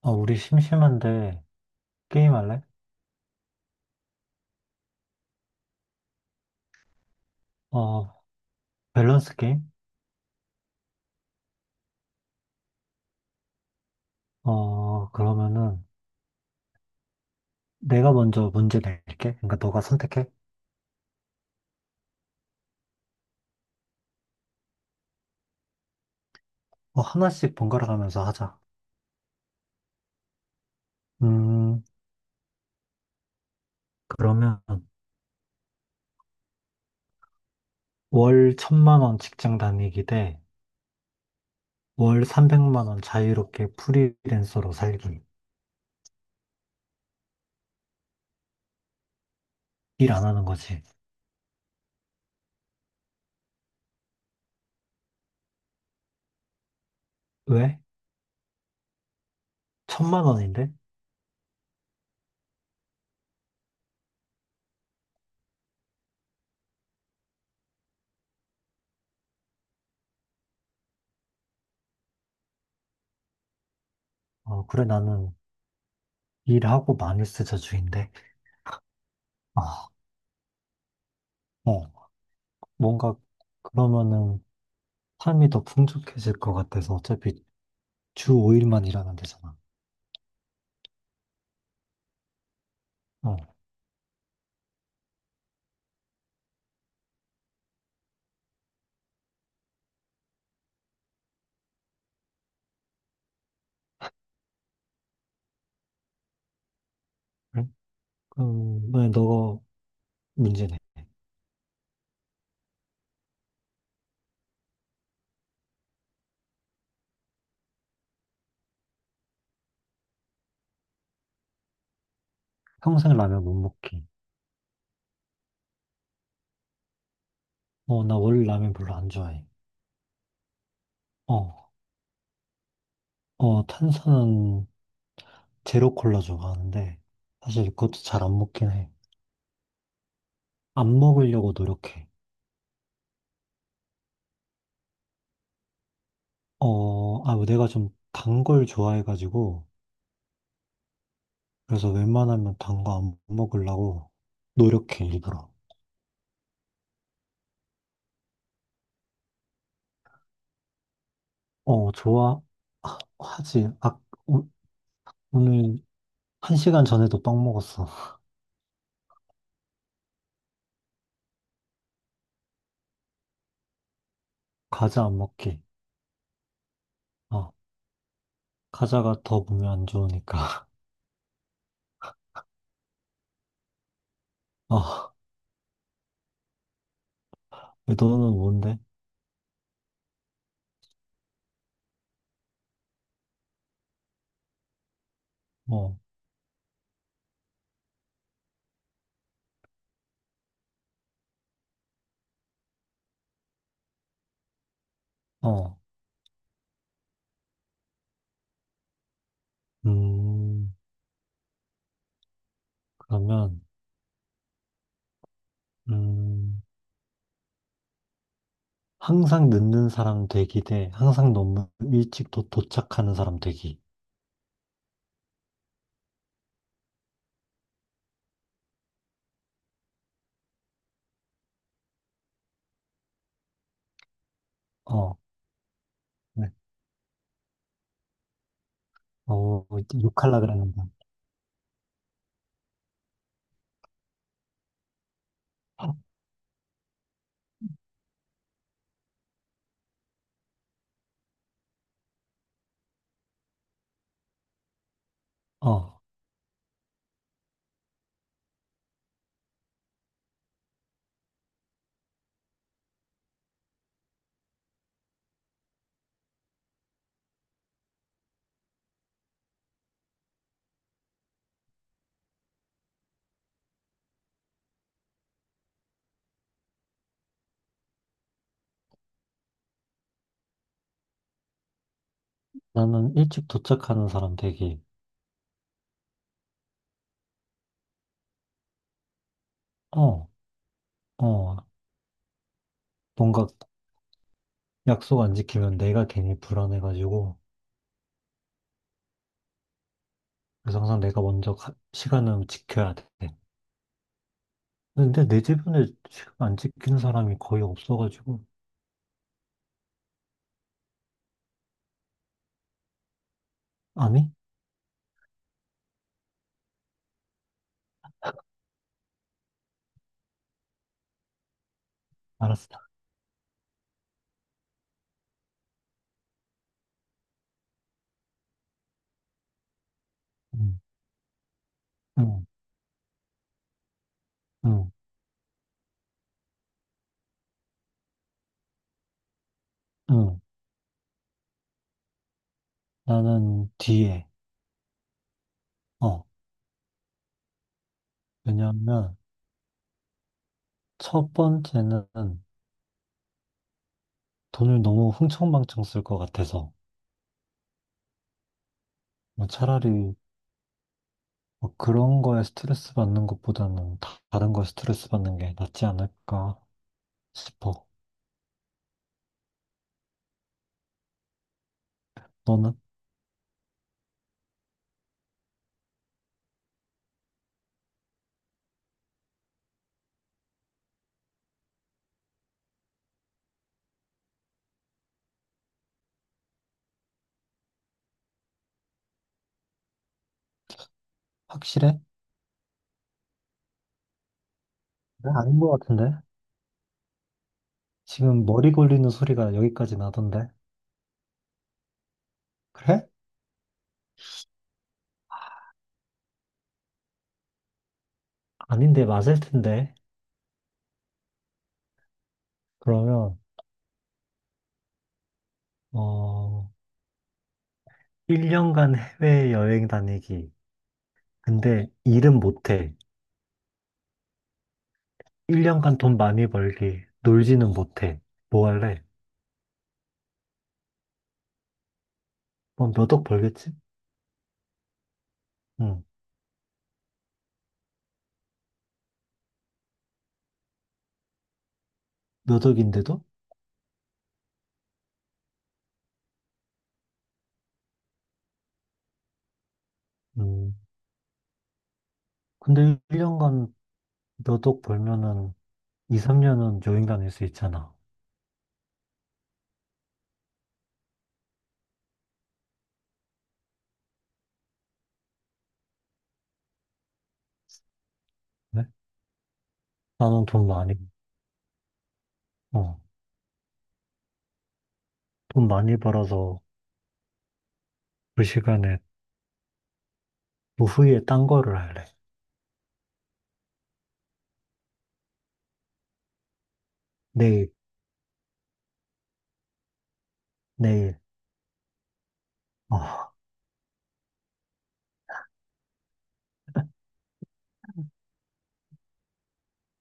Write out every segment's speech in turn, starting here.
우리 심심한데 게임 할래? 어, 밸런스 게임? 그러면은 내가 먼저 문제 낼게. 그러니까 너가 선택해. 하나씩 번갈아 가면서 하자. 음, 그러면 월 1,000만 원 직장 다니기 대 월 300만원 자유롭게 프리랜서로 살기. 일 안 하는 거지. 왜? 천만 원인데? 그래 나는 일하고 많이 쓰자 주인데. 아, 어, 뭔가 그러면은 삶이 더 풍족해질 것 같아서 어차피 주 5일만 일하면 되잖아. 어. 그래? 그럼 왜 너가 문제네. 평생 라면 못 먹기. 나 원래 라면 별로 안 좋아해. 어, 탄산은 제로 콜라 좋아하는데, 사실 그것도 잘 안 먹긴 해. 안 먹으려고 노력해. 아, 뭐 내가 좀 단 걸 좋아해가지고, 그래서 웬만하면 단 거 안 먹으려고 노력해, 일부러. 어, 좋아하지. 아, 오- 오늘 1시간 전에도 빵 먹었어. 과자 안 먹기. 어. 카자가 더 몸에 안 좋으니까. 어, 너는 뭔데? 어, 어. 음, 그러면, 음, 항상 늦는 사람 되기 대 항상 너무 일찍 도착하는 사람 되기. 어, 네. 어, 욕할라 그랬는데. 어, 나는 일찍 도착하는 사람 되기. 어, 어, 뭔가 약속 안 지키면 내가 괜히 불안해가지고. 그래서 항상 내가 먼저 시간은 지켜야 돼. 근데 내 주변에 지금 안 지키는 사람이 거의 없어가지고. 아니? 알았어. 응, 응, 응, 응. 나는 뒤에. 어. 왜냐하면 첫 번째는 돈을 너무 흥청망청 쓸 것 같아서. 뭐 차라리 뭐 그런 거에 스트레스 받는 것보다는 다른 거에 스트레스 받는 게 낫지 않을까 싶어. 너는? 확실해? 네, 아닌 것 같은데? 지금 머리 걸리는 소리가 여기까지 나던데? 그래? 아닌데 맞을 텐데. 그러면 어, 1년간 해외여행 다니기. 근데 일은 못해. 1년간 돈 많이 벌기. 놀지는 못해. 뭐 할래? 뭐 몇 억 벌겠지? 응. 몇 억인데도? 음. 근데 1년간 몇억 벌면은 2, 3년은 여행 다닐 수 있잖아. 네? 나는 어, 돈 많이 벌어서 그 시간에 노후에 딴 거를 할래. 내일, 내일. 어,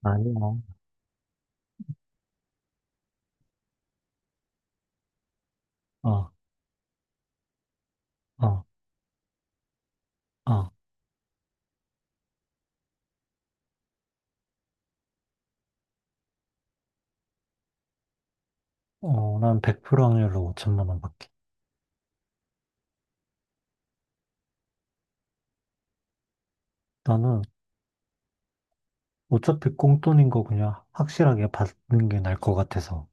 아니야. 어, 어, 어. 난 100% 확률로 5,000만 원 받기. 나는 어차피 꽁돈인 거 그냥 확실하게 받는 게 나을 것 같아서.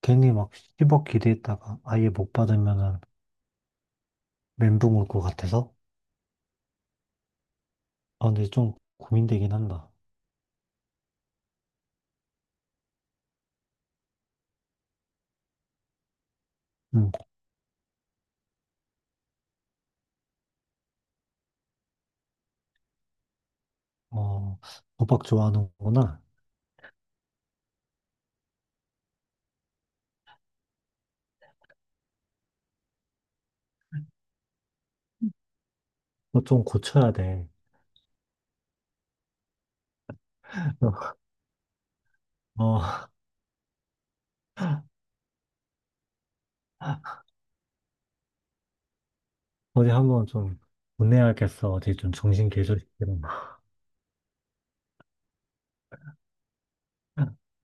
괜히 막 10억 기대했다가 아예 못 받으면은 멘붕 올 것 같아서. 아, 근데 좀 고민되긴 한다. 응, 어, 도박 좋아하는구나. 너 좀 고쳐야 돼. 어, 어디 한번 좀 보내야겠어. 어디 좀 정신 개조시키는.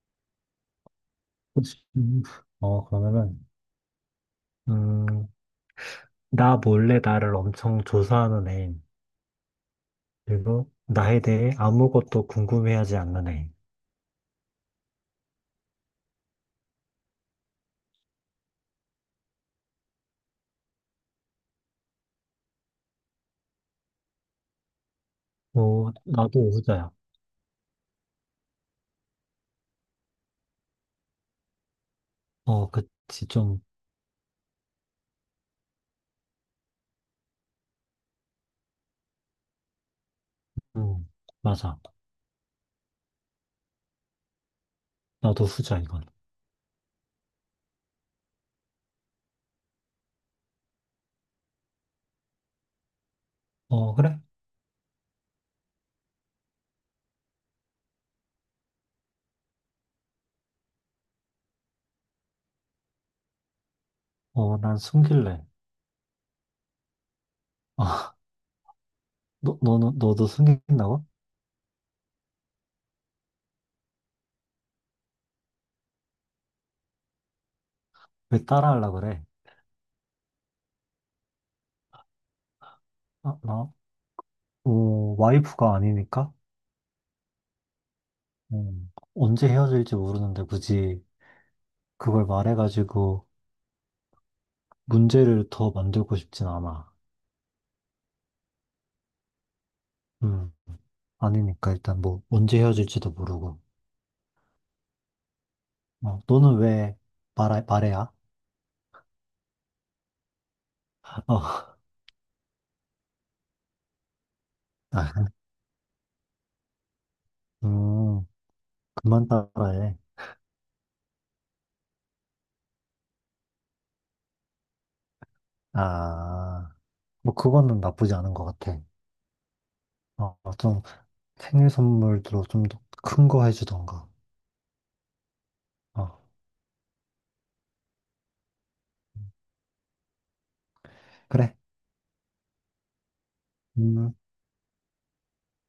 그러면은, 음, 나 몰래 나를 엄청 조사하는 애. 그리고 나에 대해 아무것도 궁금해하지 않는 애. 나도 후자야. 그치, 좀, 음, 맞아. 나도 후자, 이건. 어, 그래? 난 숨길래. 아, 너도 숨긴다고? 왜 따라하려고 그래? 아, 와이프가 아니니까? 언제 헤어질지 모르는데 굳이 그걸 말해가지고 문제를 더 만들고 싶진 않아. 음, 아니니까 일단 뭐, 언제 헤어질지도 모르고. 너는 왜 말해야? 어, 아, 음, 그만 따라해. 아, 뭐, 그거는 나쁘지 않은 것 같아. 좀, 생일 선물로 좀 더 큰 거 해주던가. 어, 그래. 음.